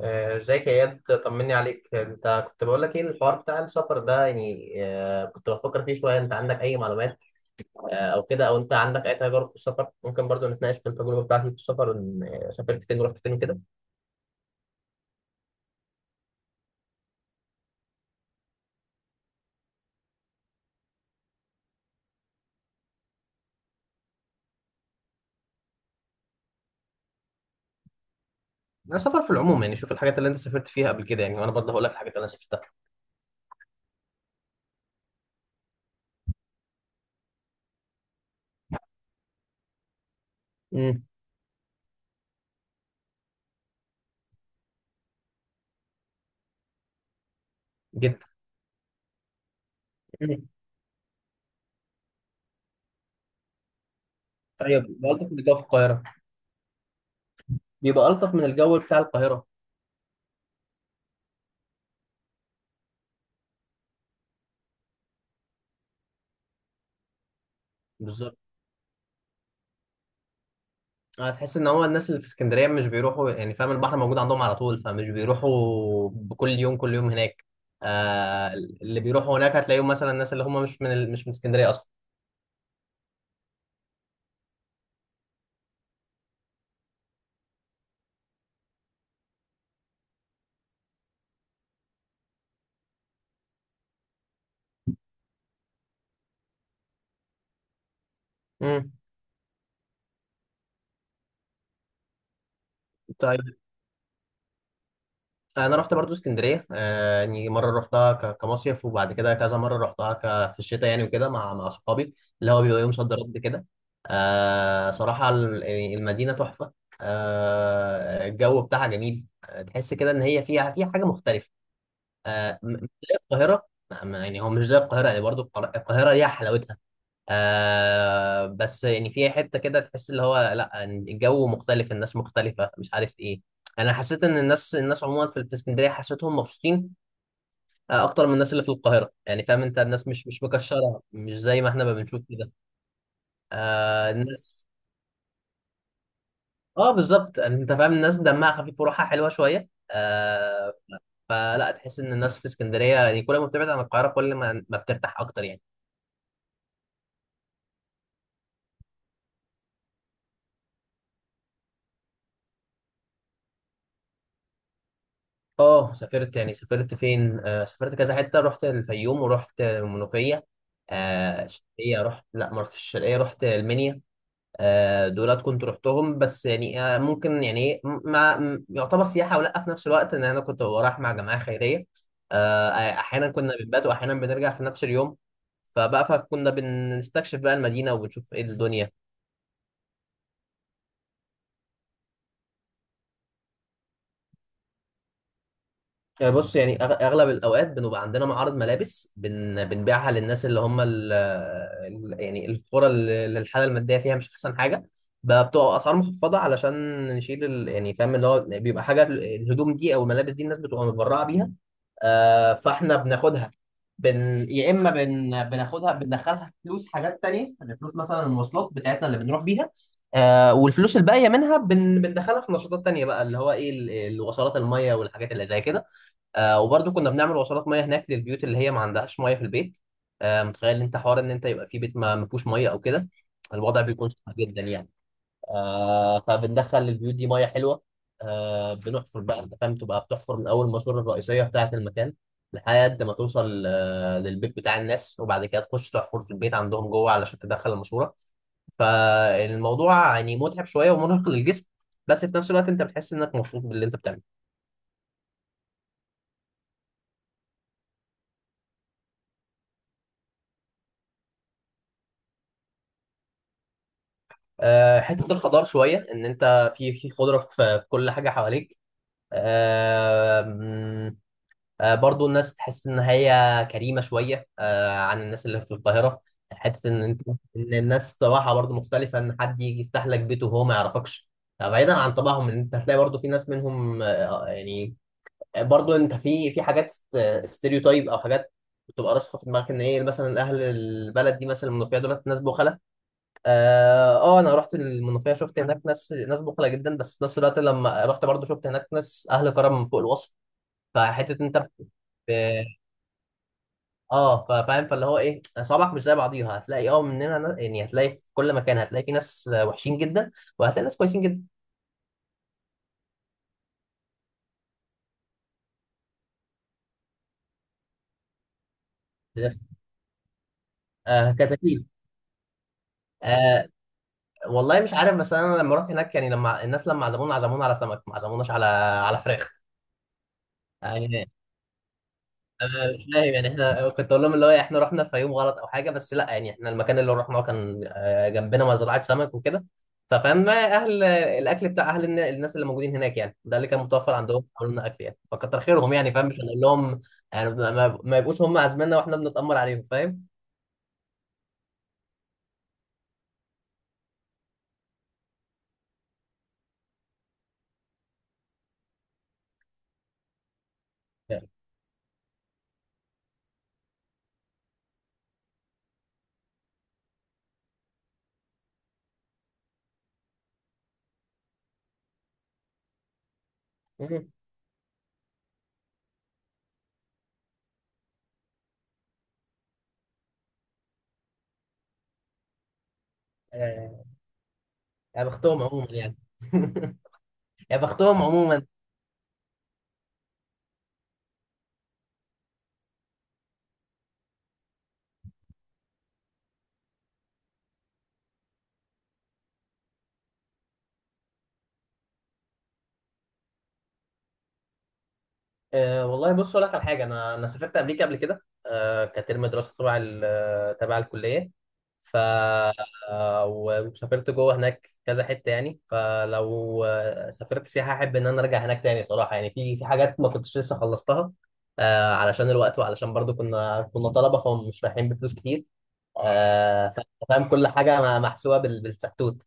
ازيك يا اياد؟ طمني عليك. انت كنت بقول لك ايه الحوار بتاع السفر ده؟ يعني كنت بفكر فيه شويه. انت عندك اي معلومات؟ او كده، او انت عندك اي تجارب في السفر؟ ممكن برضو نتناقش في التجربه بتاعتي في السفر. ان سافرت فين ورحت فين كده. انا سفر في العموم، يعني شوف الحاجات اللي انت سافرت فيها قبل كده، يعني وانا برضه هقول لك الحاجات اللي انا سافرتها. امم. جدا. امم. طيب، بيبقى الطف من الجو في القاهره. بيبقى الطف من الجو بتاع القاهره. بالظبط. هتحس ان هو الناس اللي في اسكندريه مش بيروحوا، يعني فاهم، البحر موجود عندهم على طول، فمش بيروحوا بكل يوم، كل يوم هناك. آه، اللي بيروحوا هناك هتلاقيهم مثلا الناس اللي هم مش من اسكندريه اصلا. امم. طيب، انا رحت برضو اسكندريه. يعني مره رحتها كمصيف، وبعد كده كذا مره رحتها في الشتاء يعني، وكده مع صحابي اللي هو بيبقى يوم صد رد كده. يعني المدينه تحفه. آه، الجو بتاعها جميل. تحس كده ان هي فيها حاجه مختلفه. مش زي القاهرة، يعني هو مش زي القاهرة، يعني برضو القاهرة ليها حلاوتها. بس يعني في حتة كده تحس اللي هو لا، الجو مختلف، الناس مختلفة، مش عارف ايه. انا حسيت ان الناس عموما في اسكندرية حسيتهم مبسوطين، اكتر من الناس اللي في القاهرة. يعني فاهم انت، الناس مش مكشرة، مش زي ما احنا ما بنشوف كده. آه الناس. اه بالظبط انت فاهم، الناس دمها خفيف وروحها حلوة شوية. فلا، تحس ان الناس في اسكندرية يعني كل ما بتبعد عن القاهرة كل ما بترتاح اكتر يعني. اه سافرت، يعني سافرت فين؟ سافرت كذا حته، رحت الفيوم ورحت المنوفيه، الشرقيه رحت، لا ما رحتش الشرقيه، رحت المنيا. دولت كنت رحتهم، بس يعني ممكن يعني إيه، م- ما م- يعتبر سياحه، ولا في نفس الوقت ان انا كنت رايح مع جماعه خيريه. احيانا كنا بنبات، واحيانا بنرجع في نفس اليوم. فكنا بنستكشف بقى المدينه، وبنشوف ايه الدنيا. يعني بص، يعني اغلب الاوقات بنبقى عندنا معارض ملابس بنبيعها للناس اللي هم يعني القرى اللي الحاله الماديه فيها مش احسن حاجه. بقى بتبقى اسعار مخفضه علشان نشيل يعني فاهم، اللي هو بيبقى حاجه، الهدوم دي او الملابس دي الناس بتبقى متبرعه بيها. آه فاحنا بناخدها. بن... يا اما بن... بناخدها بندخلها فلوس حاجات تانية، يعني فلوس مثلا المواصلات بتاعتنا اللي بنروح بيها. آه، والفلوس الباقيه منها بندخلها في نشاطات تانية بقى، اللي هو ايه الوصلات الميه والحاجات اللي زي كده. آه، وبرضه كنا بنعمل وصلات ميه هناك للبيوت اللي هي ما عندهاش ميه في البيت. آه، متخيل انت حوار ان انت يبقى في بيت ما فيهوش ميه او كده؟ الوضع بيكون صعب جدا يعني. آه، فبندخل للبيوت دي ميه حلوه. آه بنحفر بقى، انت فاهم، تبقى بتحفر من اول الماسوره الرئيسيه بتاعه المكان لحد ما توصل آه للبيت بتاع الناس، وبعد كده تخش تحفر في البيت عندهم جوه علشان تدخل الماسوره. فالموضوع يعني متعب شويه ومرهق للجسم، بس في نفس الوقت انت بتحس انك مبسوط باللي انت بتعمله. حتة الخضار شوية، إن أنت في خضرة في كل حاجة حواليك. آه، مم، برضو الناس تحس إن هي كريمة شوية، عن الناس اللي في القاهرة. حتة إن أنت، إن الناس طباعها برضو مختلفة، إن حد يجي يفتح لك بيته وهو ما يعرفكش. بعيدا عن طباعهم، إن أنت هتلاقي برضو في ناس منهم، يعني برضو أنت في حاجات ستيريوتايب أو حاجات بتبقى راسخة في دماغك، إن إيه، مثلا أهل البلد دي، مثلا المنوفية، دولت ناس بخلة. اه انا رحت المنوفيه شفت هناك ناس بخله جدا، بس في نفس الوقت لما رحت برضو شفت هناك ناس اهل كرم من فوق الوصف. فحته انت ب- اه فاهم، فاللي هو ايه، صوابعك مش زي بعضيها، هتلاقي اه يعني هتلاقي في كل مكان، هتلاقي في ناس وحشين جدا، وهتلاقي ناس كويسين جدا في الآخر. آه كتاكيل. آه والله مش عارف. بس انا لما رحت هناك يعني، لما الناس لما عزمونا على سمك، ما عزموناش على فراخ. آه، انا مش فاهم يعني. احنا كنت اقول لهم اللي هو احنا رحنا في يوم غلط او حاجه، بس لا، يعني احنا المكان اللي رحناه كان جنبنا مزرعه سمك وكده. ففاهم، ما اهل الاكل بتاع اهل الناس اللي موجودين هناك، يعني ده اللي كان متوفر عندهم، عملوا لنا اكل يعني، فكتر خيرهم يعني فاهم، مش هنقول لهم يعني ما يبقوش هم عازميننا واحنا بنتامر عليهم، فاهم؟ يعني مم. آه، يا بختهم عموما يعني يا بختهم عموما. أه والله بص اقول لك على حاجه، انا سافرت امريكا قبل كده. أه كترم دراسه تبع تبع الكليه. ف وسافرت جوه هناك كذا حته يعني. فلو سافرت سياحه احب ان انا ارجع هناك تاني صراحه، يعني في حاجات ما كنتش لسه خلصتها. أه علشان الوقت، وعلشان برضو كنا طلبه، فمش رايحين بفلوس كتير. أه فاهم، كل حاجه محسوبه بالسكتوت.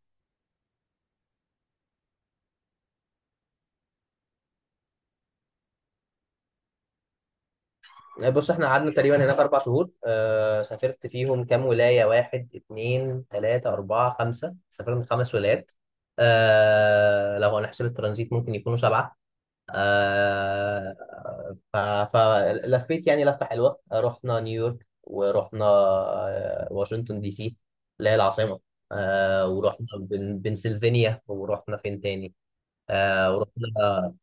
بص احنا قعدنا تقريبا هناك 4 شهور. آه سافرت فيهم كام ولايه؟ واحد اتنين تلاته اربعه خمسه، سافرنا 5 ولايات. آه لو هنحسب الترانزيت ممكن يكونوا سبعه. آه فلفيت يعني لفه حلوه. رحنا نيويورك، ورحنا واشنطن دي سي اللي هي العاصمه. آه، ورحنا بنسلفانيا. ورحنا فين تاني؟ آه ورحنا.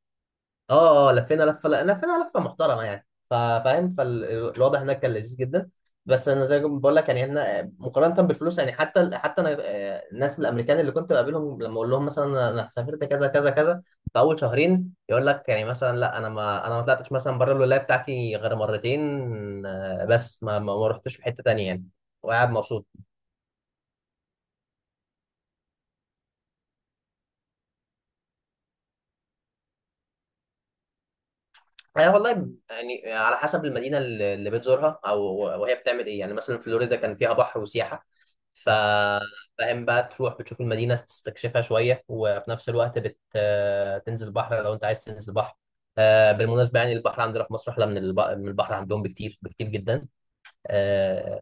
اه اه لفينا لفه، لفينا لفه محترمه يعني فاهم. فالوضع هناك كان لذيذ جدا. بس انا زي ما بقول لك، يعني احنا مقارنه بالفلوس يعني حتى انا الناس الامريكان اللي كنت بقابلهم لما اقول لهم مثلا أنا سافرت كذا كذا كذا، في اول شهرين يقول لك يعني مثلا لا، ما انا ما طلعتش مثلا بره الولايه بتاعتي غير مرتين. بس ما رحتش في حته تانيه يعني، وقاعد مبسوط. أنا والله يعني على حسب المدينة اللي بتزورها أو وهي بتعمل إيه، يعني مثلا فلوريدا كان فيها بحر وسياحة. ف فاهم بقى، تروح بتشوف المدينة تستكشفها شوية، وفي نفس الوقت بت... آه، تنزل البحر لو أنت عايز تنزل البحر. بالمناسبة يعني البحر عندنا في مصر أحلى من من البحر عندهم بكتير بكتير جدا. آه،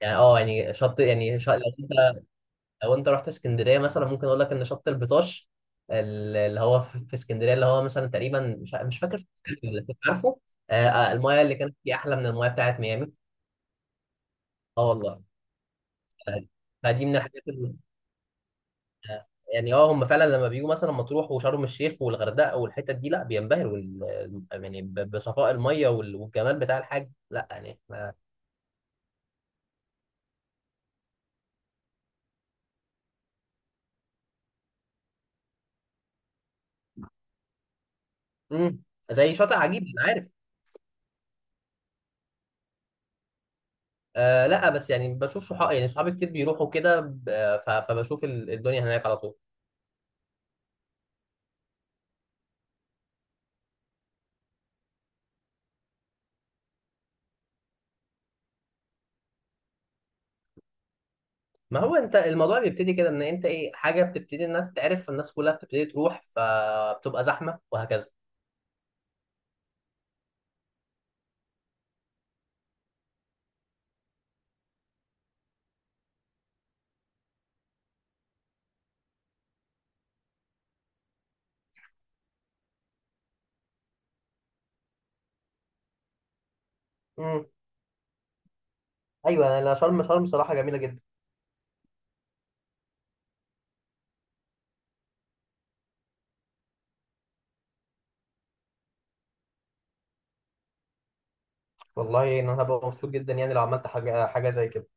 يعني أه يعني لو أنت، لو انت رحت اسكندريه مثلا، ممكن اقول لك ان شط البطاش اللي هو في اسكندريه، اللي هو مثلا تقريبا مش مش فاكر في اسكندرية ولا فين، عارفه. المايه اللي كانت فيه احلى من المايه بتاعت ميامي. اه والله. آه، فدي من الحاجات اللي يعني اه هم فعلا لما بيجوا مثلا مطروح وشرم الشيخ والغردقه والحتت دي لا بينبهروا يعني بصفاء المايه والجمال بتاع الحاج، لا يعني مم. زي شاطئ عجيب انا عارف. آه لا، بس يعني بشوف صحابي، يعني صحابي كتير بيروحوا كده فبشوف الدنيا هناك على طول. ما هو انت الموضوع بيبتدي كده، ان انت ايه، حاجه بتبتدي انها تتعرف، فالناس كلها بتبتدي تروح، فبتبقى زحمه وهكذا. امم. ايوه انا شرم، صراحه جميله جدا. والله ان انا هبقى مبسوط جدا يعني لو عملت حاجه زي كده.